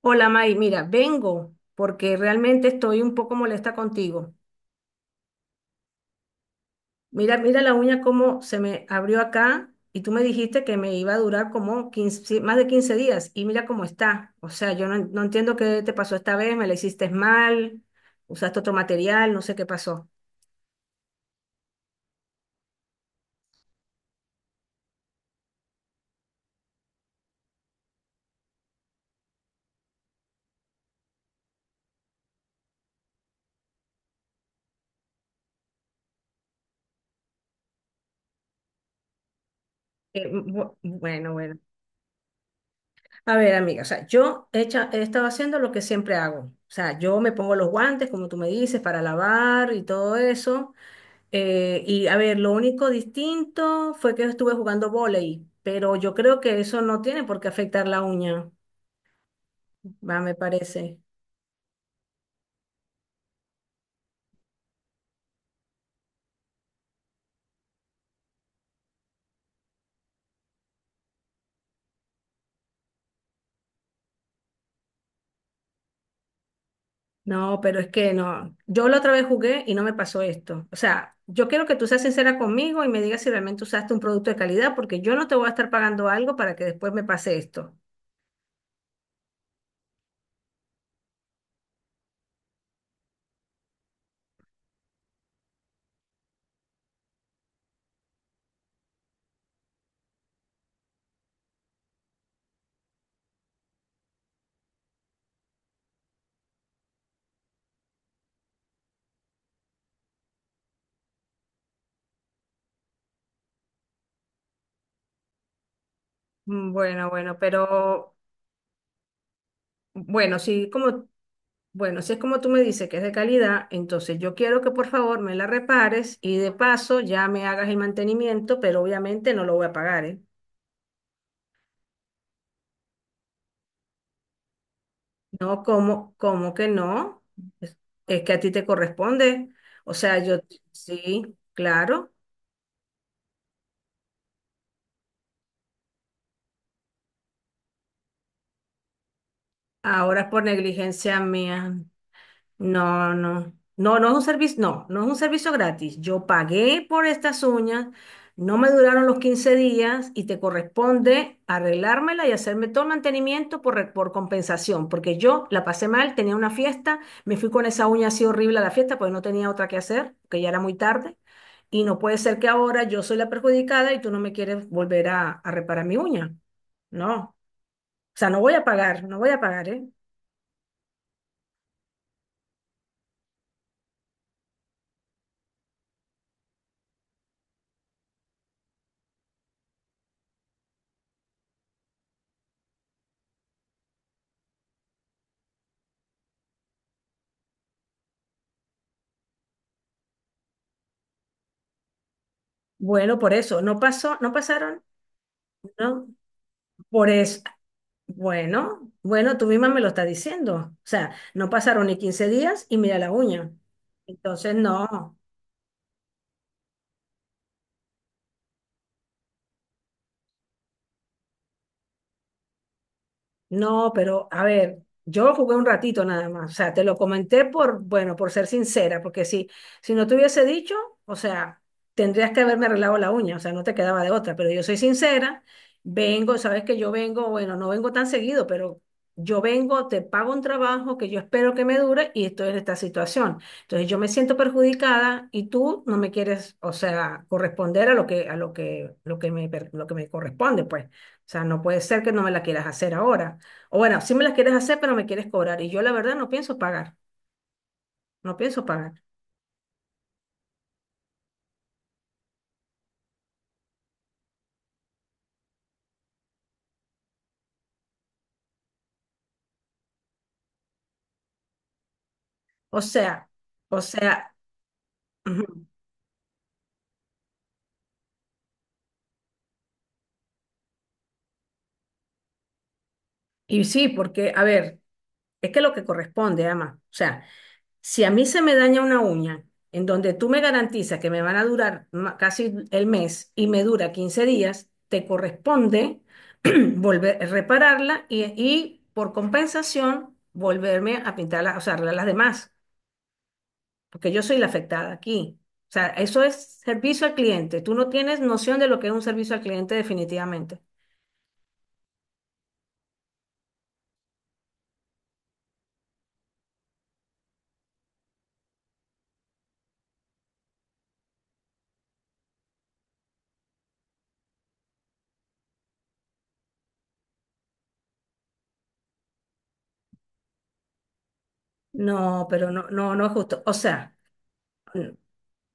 Hola May, mira, vengo porque realmente estoy un poco molesta contigo. Mira, mira la uña como se me abrió acá y tú me dijiste que me iba a durar como 15, sí, más de 15 días y mira cómo está. O sea, yo no, no entiendo qué te pasó esta vez, me la hiciste mal, usaste otro material, no sé qué pasó. Bueno, bueno. A ver, amiga, o sea, he estado haciendo lo que siempre hago. O sea, yo me pongo los guantes, como tú me dices, para lavar y todo eso. Y a ver, lo único distinto fue que estuve jugando vóley, pero yo creo que eso no tiene por qué afectar la uña, va, me parece. No, pero es que no. Yo la otra vez jugué y no me pasó esto. O sea, yo quiero que tú seas sincera conmigo y me digas si realmente usaste un producto de calidad, porque yo no te voy a estar pagando algo para que después me pase esto. Bueno, bueno, pero bueno, sí, como, bueno, si es como tú me dices que es de calidad, entonces yo quiero que por favor me la repares y de paso ya me hagas el mantenimiento, pero obviamente no lo voy a pagar, ¿eh? No, ¿como, como que no? Es, es que a ti te corresponde. O sea, yo, sí, claro. ¿Ahora es por negligencia mía? No, no, no, no es un servicio, no, no es un servicio gratis. Yo pagué por estas uñas, no me duraron los 15 días y te corresponde arreglármela y hacerme todo el mantenimiento por, por compensación, porque yo la pasé mal, tenía una fiesta, me fui con esa uña así horrible a la fiesta, pues no tenía otra que hacer, que ya era muy tarde, y no puede ser que ahora yo soy la perjudicada y tú no me quieres volver a reparar mi uña. No, o sea, no voy a pagar, no voy a pagar, ¿eh? Bueno, por eso, no pasó, no pasaron, no. Por eso, bueno, bueno, tú misma me lo estás diciendo. O sea, no pasaron ni 15 días y mira la uña. Entonces, no. No, pero a ver, yo lo jugué un ratito nada más. O sea, te lo comenté por, bueno, por ser sincera, porque si, si no te hubiese dicho, o sea, tendrías que haberme arreglado la uña, o sea, no te quedaba de otra, pero yo soy sincera, vengo, sabes que yo vengo, bueno, no vengo tan seguido, pero yo vengo, te pago un trabajo que yo espero que me dure y estoy en esta situación. Entonces yo me siento perjudicada y tú no me quieres, o sea, corresponder a lo que me, lo que me corresponde, pues. O sea, no puede ser que no me la quieras hacer ahora. O bueno, sí me las quieres hacer, pero me quieres cobrar. Y yo la verdad no pienso pagar, no pienso pagar. O sea, o sea, ujú. Y sí, porque, a ver, es que lo que corresponde, ama. O sea, si a mí se me daña una uña en donde tú me garantizas que me van a durar casi el mes y me dura 15 días, te corresponde volver, repararla y por compensación volverme a pintarla, o sea, arreglar las demás. Porque yo soy la afectada aquí. O sea, eso es servicio al cliente. Tú no tienes noción de lo que es un servicio al cliente definitivamente. No, pero no, no, no es justo. O sea, n-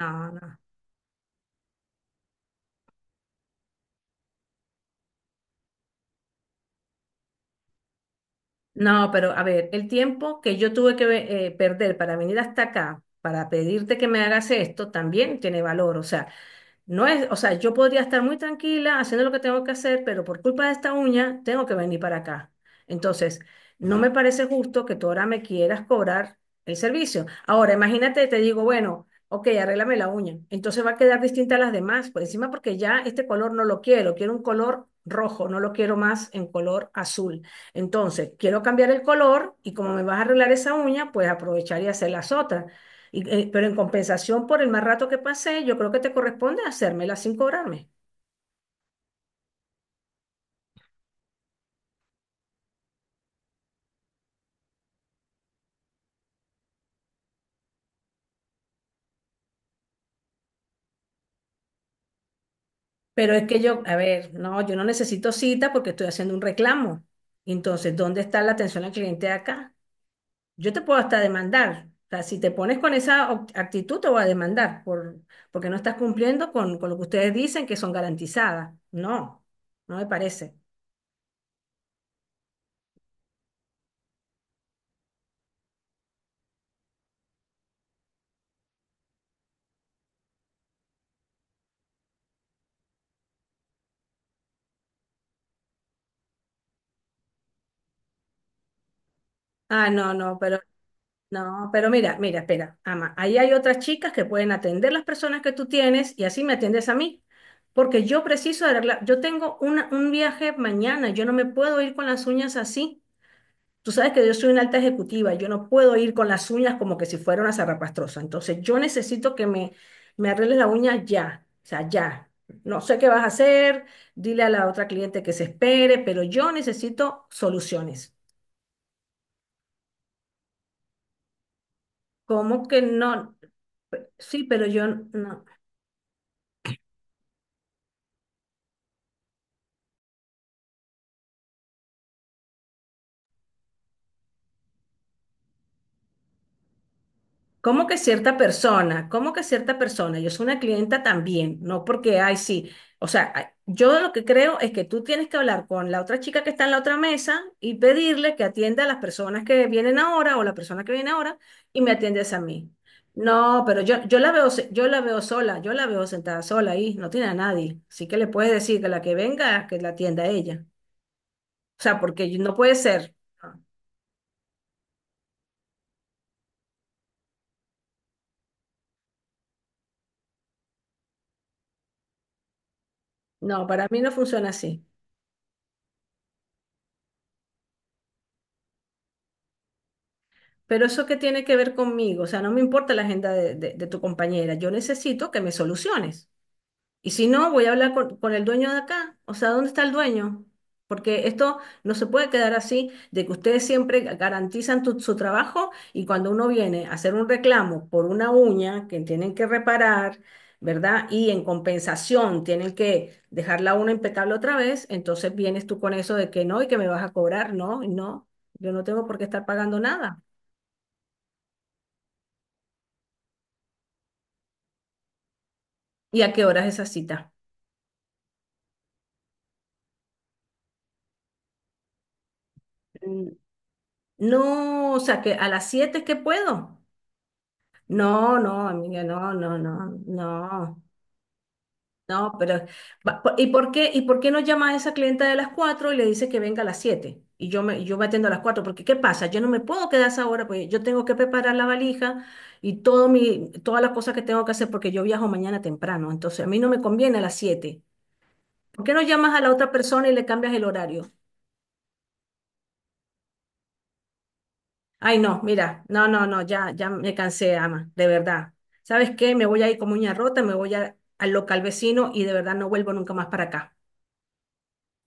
no, no. No, pero a ver, el tiempo que yo tuve que perder para venir hasta acá, para pedirte que me hagas esto, también tiene valor. O sea, no es, o sea, yo podría estar muy tranquila haciendo lo que tengo que hacer, pero por culpa de esta uña tengo que venir para acá. Entonces, no me parece justo que tú ahora me quieras cobrar el servicio. Ahora, imagínate, te digo, bueno, ok, arréglame la uña. Entonces va a quedar distinta a las demás, por encima porque ya este color no lo quiero, quiero un color rojo, no lo quiero más en color azul. Entonces, quiero cambiar el color y como me vas a arreglar esa uña, pues aprovechar y hacer las otras. Y, pero en compensación por el mal rato que pasé, yo creo que te corresponde hacérmela sin cobrarme. Pero es que yo, a ver, no, yo no necesito cita porque estoy haciendo un reclamo. Entonces, ¿dónde está la atención al cliente acá? Yo te puedo hasta demandar. O sea, si te pones con esa actitud, te voy a demandar por, porque no estás cumpliendo con lo que ustedes dicen que son garantizadas. No, no me parece. Ah, no, no, pero no, pero mira, mira, espera, ama, ahí hay otras chicas que pueden atender las personas que tú tienes y así me atiendes a mí, porque yo preciso arreglar, yo tengo un viaje mañana, yo no me puedo ir con las uñas así. Tú sabes que yo soy una alta ejecutiva, yo no puedo ir con las uñas como que si fuera una zarrapastrosa, entonces yo necesito que me arregles la uña ya, o sea, ya. No sé qué vas a hacer, dile a la otra cliente que se espere, pero yo necesito soluciones. ¿Cómo que no? Sí, pero yo no. ¿Cómo que cierta persona? ¿Cómo que cierta persona? Yo soy una clienta también, no porque, ay, sí. O sea, ay, yo lo que creo es que tú tienes que hablar con la otra chica que está en la otra mesa y pedirle que atienda a las personas que vienen ahora o la persona que viene ahora y me atiendes a mí. No, pero yo la veo, yo la veo sola, yo la veo sentada sola ahí, no tiene a nadie. Así que le puedes decir que la que venga, que la atienda a ella. O sea, porque no puede ser. No, para mí no funciona así. Pero eso qué tiene que ver conmigo, o sea, no me importa la agenda de, de tu compañera, yo necesito que me soluciones. Y si no, voy a hablar con el dueño de acá, o sea, ¿dónde está el dueño? Porque esto no se puede quedar así, de que ustedes siempre garantizan su trabajo y cuando uno viene a hacer un reclamo por una uña que tienen que reparar, ¿verdad? Y en compensación tienen que dejar la uña impecable otra vez, entonces vienes tú con eso de que no y que me vas a cobrar, no, y no, yo no tengo por qué estar pagando nada. ¿Y a qué hora es esa cita? Mm, No, o sea, que a las 7 es que puedo. No, no, amiga, no, no, no, no, no, pero y por qué no llama a esa clienta de las 4 y le dice que venga a las 7? Y yo me atiendo a las 4 porque ¿qué pasa? Yo no me puedo quedar a esa hora, pues yo tengo que preparar la valija y todo mi, todas las cosas que tengo que hacer porque yo viajo mañana temprano, entonces a mí no me conviene a las 7. ¿Por qué no llamas a la otra persona y le cambias el horario? Ay, no, mira, no, no, no, ya, ya me cansé, ama, de verdad. ¿Sabes qué? Me voy a ir como uña rota, al local vecino y de verdad no vuelvo nunca más para acá.